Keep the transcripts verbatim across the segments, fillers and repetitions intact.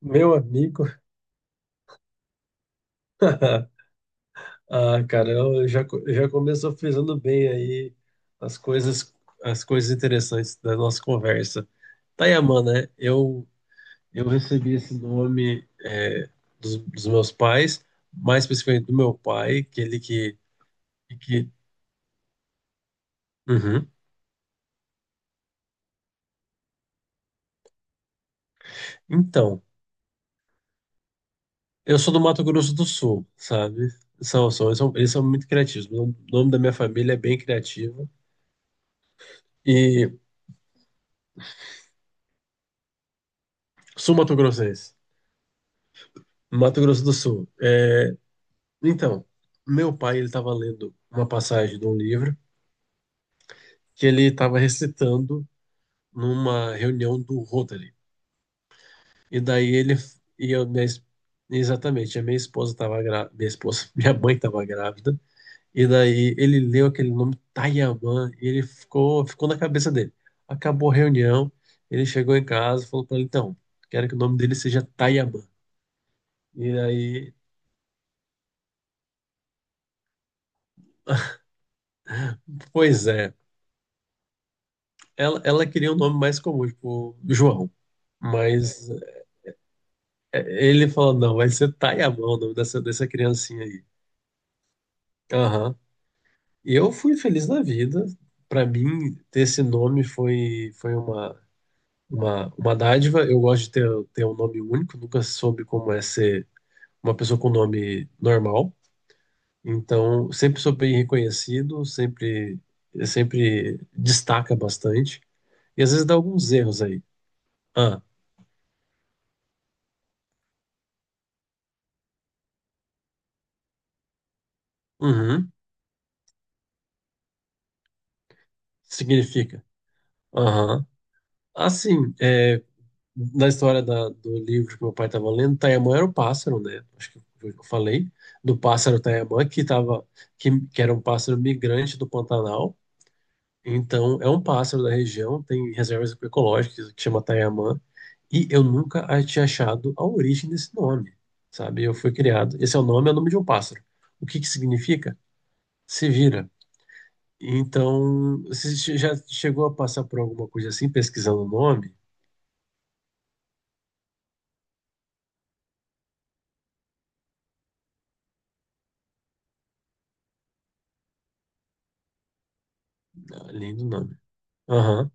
Meu amigo, ah, cara, eu já, co- já começou frisando bem aí as coisas, as coisas interessantes da nossa conversa. Tayaman, né? Eu, eu recebi esse nome é, dos, dos meus pais, mais especificamente do meu pai, que ele que, que... Uhum. Então, eu sou do Mato Grosso do Sul, sabe? São, são, eles são, eles são muito criativos. O nome da minha família é bem criativo. E sul-mato-grossense, Mato Grosso do Sul. É, então, meu pai, ele estava lendo uma passagem de um livro que ele estava recitando numa reunião do Rotary. E daí ele e eu minha, es- exatamente, a minha esposa estava grávida, minha esposa, minha mãe estava grávida. E daí ele leu aquele nome Tayaman e ele ficou ficou na cabeça dele. Acabou a reunião, ele chegou em casa, e falou para ele, então, quero que o nome dele seja Tayaman. E aí, pois é, ela, ela queria um nome mais comum, tipo João. Mas ele falou, não, vai ser Tayamão, o nome dessa, dessa criancinha aí. Aham. E eu fui feliz da vida. Para mim, ter esse nome foi, foi uma, uma, uma dádiva. Eu gosto de ter, ter um nome único, nunca soube como é ser uma pessoa com nome normal. Então, sempre sou bem reconhecido, sempre, sempre destaca bastante. E às vezes dá alguns erros aí. Ah, uhum, significa. Aham. Assim, é. Na história da- do livro que meu pai estava lendo, Tayamã era o pássaro, né? Acho que foi o que eu falei, do pássaro Tayamã, que, tava, que, que era um pássaro migrante do Pantanal. Então, é um pássaro da região, tem reservas ecológicas que chama Tayamã, e eu nunca a- tinha achado a origem desse nome, sabe? Eu fui criado. Esse é o nome, é o nome de um pássaro. O que que significa? Se vira. Então, você che- já chegou a passar por alguma coisa assim, pesquisando o nome? Além do nome. Aham.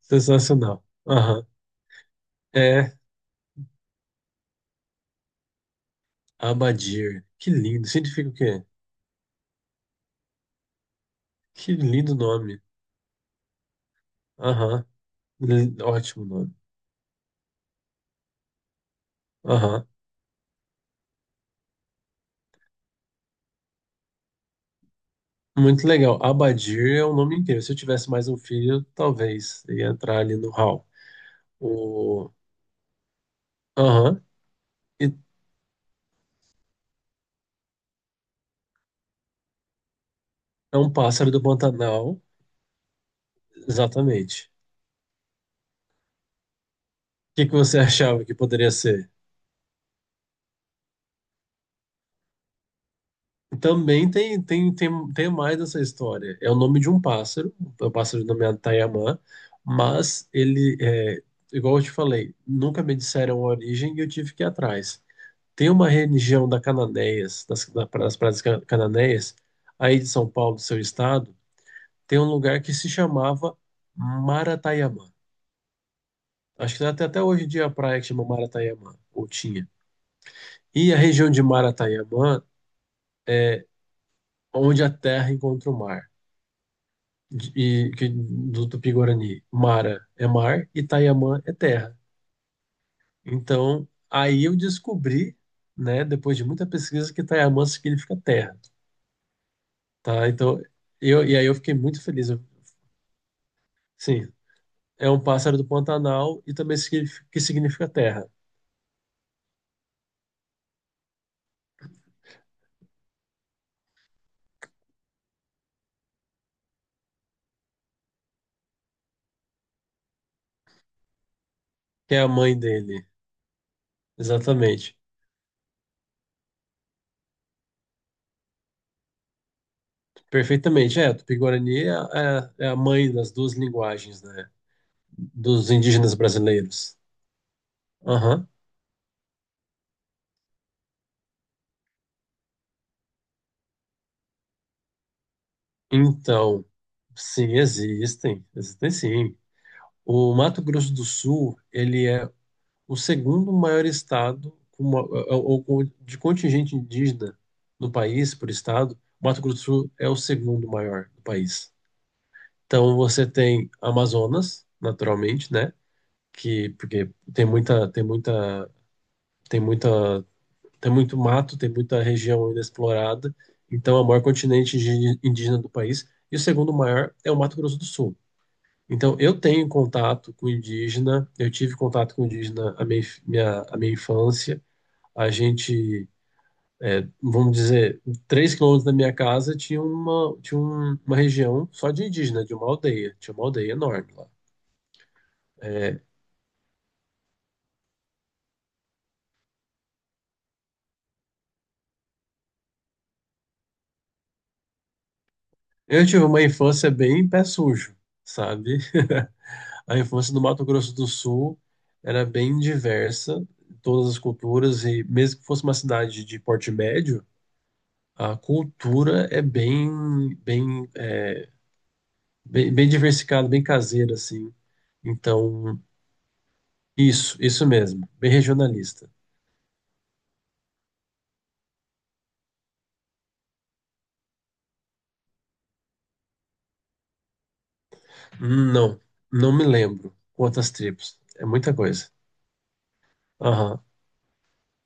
Sensacional. Aham. É Abadir. Que lindo. Significa o quê? Que lindo nome. Aham. Li- Ótimo nome. Aham. Muito legal. Abadir é um nome inteiro. Se eu tivesse mais um filho, talvez ia entrar ali no hall. O... Aham. E é um pássaro do Pantanal. Exatamente. O que que você achava que poderia ser? Também tem, tem, tem, tem mais dessa história. É o nome de um pássaro, é um pássaro nomeado Taiamã, mas ele, é, igual eu te falei, nunca me disseram a origem e eu tive que ir atrás. Tem uma região da cananeias das, da- das praias Ca- Cananéias, aí de São Paulo, do seu estado, tem um lugar que se chamava Maratayamã. Acho que até, até hoje em dia a praia que chama Maratayamã, ou tinha. E a região de Maratayamã é onde a terra encontra o mar. De- e- que- do Tupi-Guarani, Mara é mar e Tayamã é terra. Então, aí eu descobri, né, depois de muita pesquisa, que Tayamã significa terra, tá? Então, eu, e aí eu fiquei muito feliz. Eu- sim, é um pássaro do Pantanal e também significa, que significa terra, que é a mãe dele, exatamente. Perfeitamente, é, Tupi-Guarani é, a é a- é a mãe das duas linguagens, né, dos indígenas brasileiros. Aham. Então, sim, existem, existem sim. O Mato Grosso do Sul, ele é o segundo maior estado com uma- ou- ou- de contingente indígena no país, por estado. O Mato Grosso do Sul é o segundo maior do país. Então, você tem Amazonas, naturalmente, né? Que, porque tem muita, tem muita, tem muita, tem muito mato, tem muita região ainda explorada. Então, é o maior continente indí- indígena do país. E o segundo maior é o Mato Grosso do Sul. Então, eu tenho contato com indígena, eu tive contato com indígena a minha, minha, a minha infância. A gente, é, vamos dizer, três quilômetros da minha casa tinha uma, tinha um- uma região só de indígena, de uma aldeia. Tinha uma aldeia enorme lá. Eu tive uma infância bem pé sujo, sabe? A infância no Mato Grosso do Sul era bem diversa, todas as culturas, e mesmo que fosse uma cidade de porte médio, a cultura é bem, bem Bem, bem diversificado, bem caseiro, assim. Então, isso, isso mesmo. Bem regionalista. Não, não me lembro quantas tribos. É muita coisa. Aham.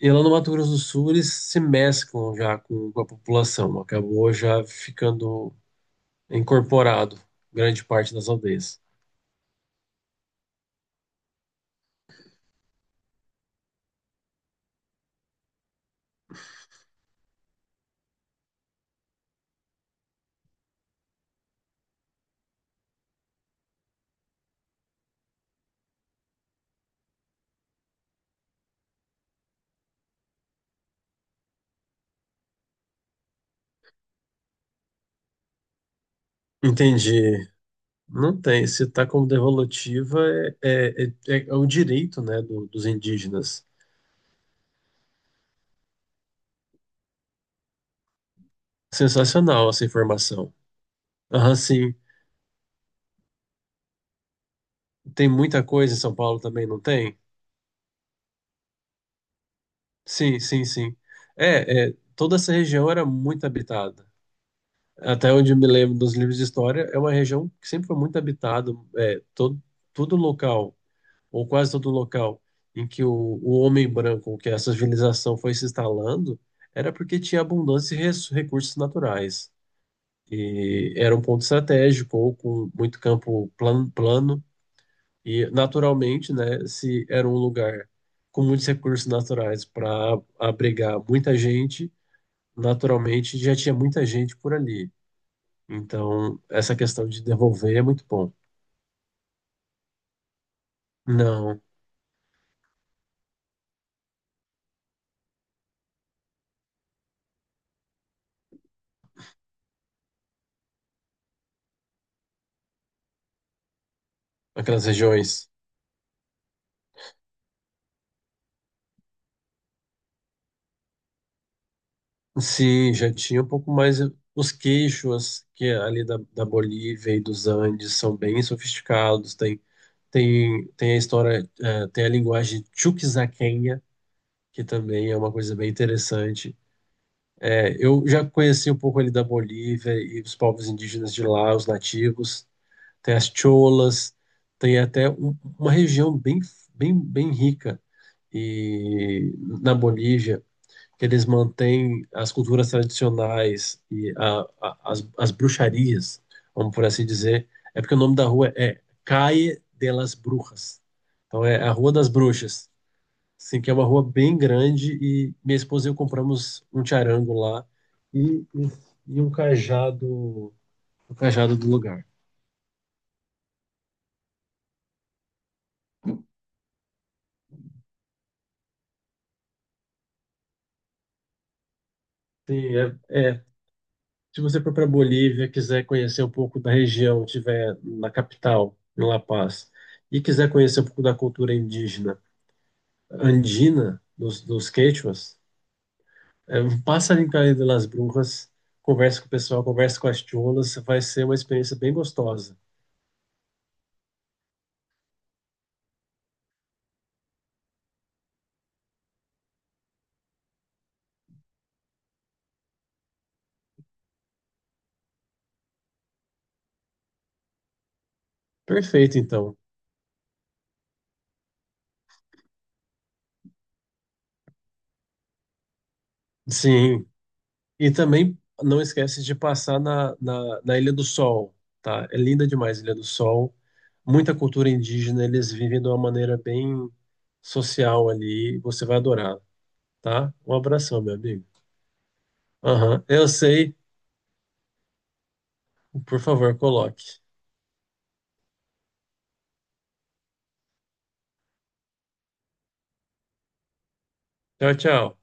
E lá no Mato Grosso do Sul, eles se mesclam já com, com a população. Acabou já ficando incorporado grande parte das aldeias. Entendi. Não tem. Se está como devolutiva, é, é, é, é o direito, né, do- dos indígenas. Sensacional essa informação. Aham, sim. Tem muita coisa em São Paulo também, não tem? Sim, sim, sim. É, é, toda essa região era muito habitada. Até onde eu me lembro dos livros de história, é uma região que sempre foi muito habitada. É, todo, todo local, ou quase todo local, em que o, o homem branco, que a civilização foi se instalando, era porque tinha abundância de res- recursos naturais. E era um ponto estratégico, ou com muito campo plano, plano. E, naturalmente, né, se era um lugar com muitos recursos naturais para abrigar muita gente, naturalmente já tinha muita gente por ali. Então, essa questão de devolver é muito bom. Não, aquelas regiões. Sim, já tinha um pouco mais. Eh, os queixos que é ali da, da Bolívia e dos Andes são bem sofisticados. Tem, tem, tem a história, eh, tem a linguagem chuquisaquenha, que também é uma coisa bem interessante. É, eu já conheci um pouco ali da Bolívia e os povos indígenas de lá, os nativos. Tem as cholas, tem até um- uma região bem, bem, bem rica e na Bolívia que eles mantêm as culturas tradicionais e a- a- as, as bruxarias, vamos por assim dizer. É porque o nome da rua é Calle de las Brujas. Então é a Rua das Bruxas. Sim, que é uma rua bem grande e minha esposa e eu compramos um charango lá e, e, um cajado, um cajado do lugar. Sim, é, é. Se você for para Bolívia, quiser conhecer um pouco da região, tiver na capital, em La Paz, e quiser conhecer um pouco da cultura indígena andina dos, dos quechuas, é, passa ali em Cayo de las Brujas, conversa com o pessoal, conversa com as cholas, vai ser uma experiência bem gostosa. Perfeito, então. Sim. E também não esquece de passar na, na, na Ilha do Sol, tá? É linda demais a Ilha do Sol. Muita cultura indígena, eles vivem de uma maneira bem social ali. Você vai adorar, tá? Um abração, meu amigo. Aham, eu sei. Por favor, coloque. Tchau, tchau.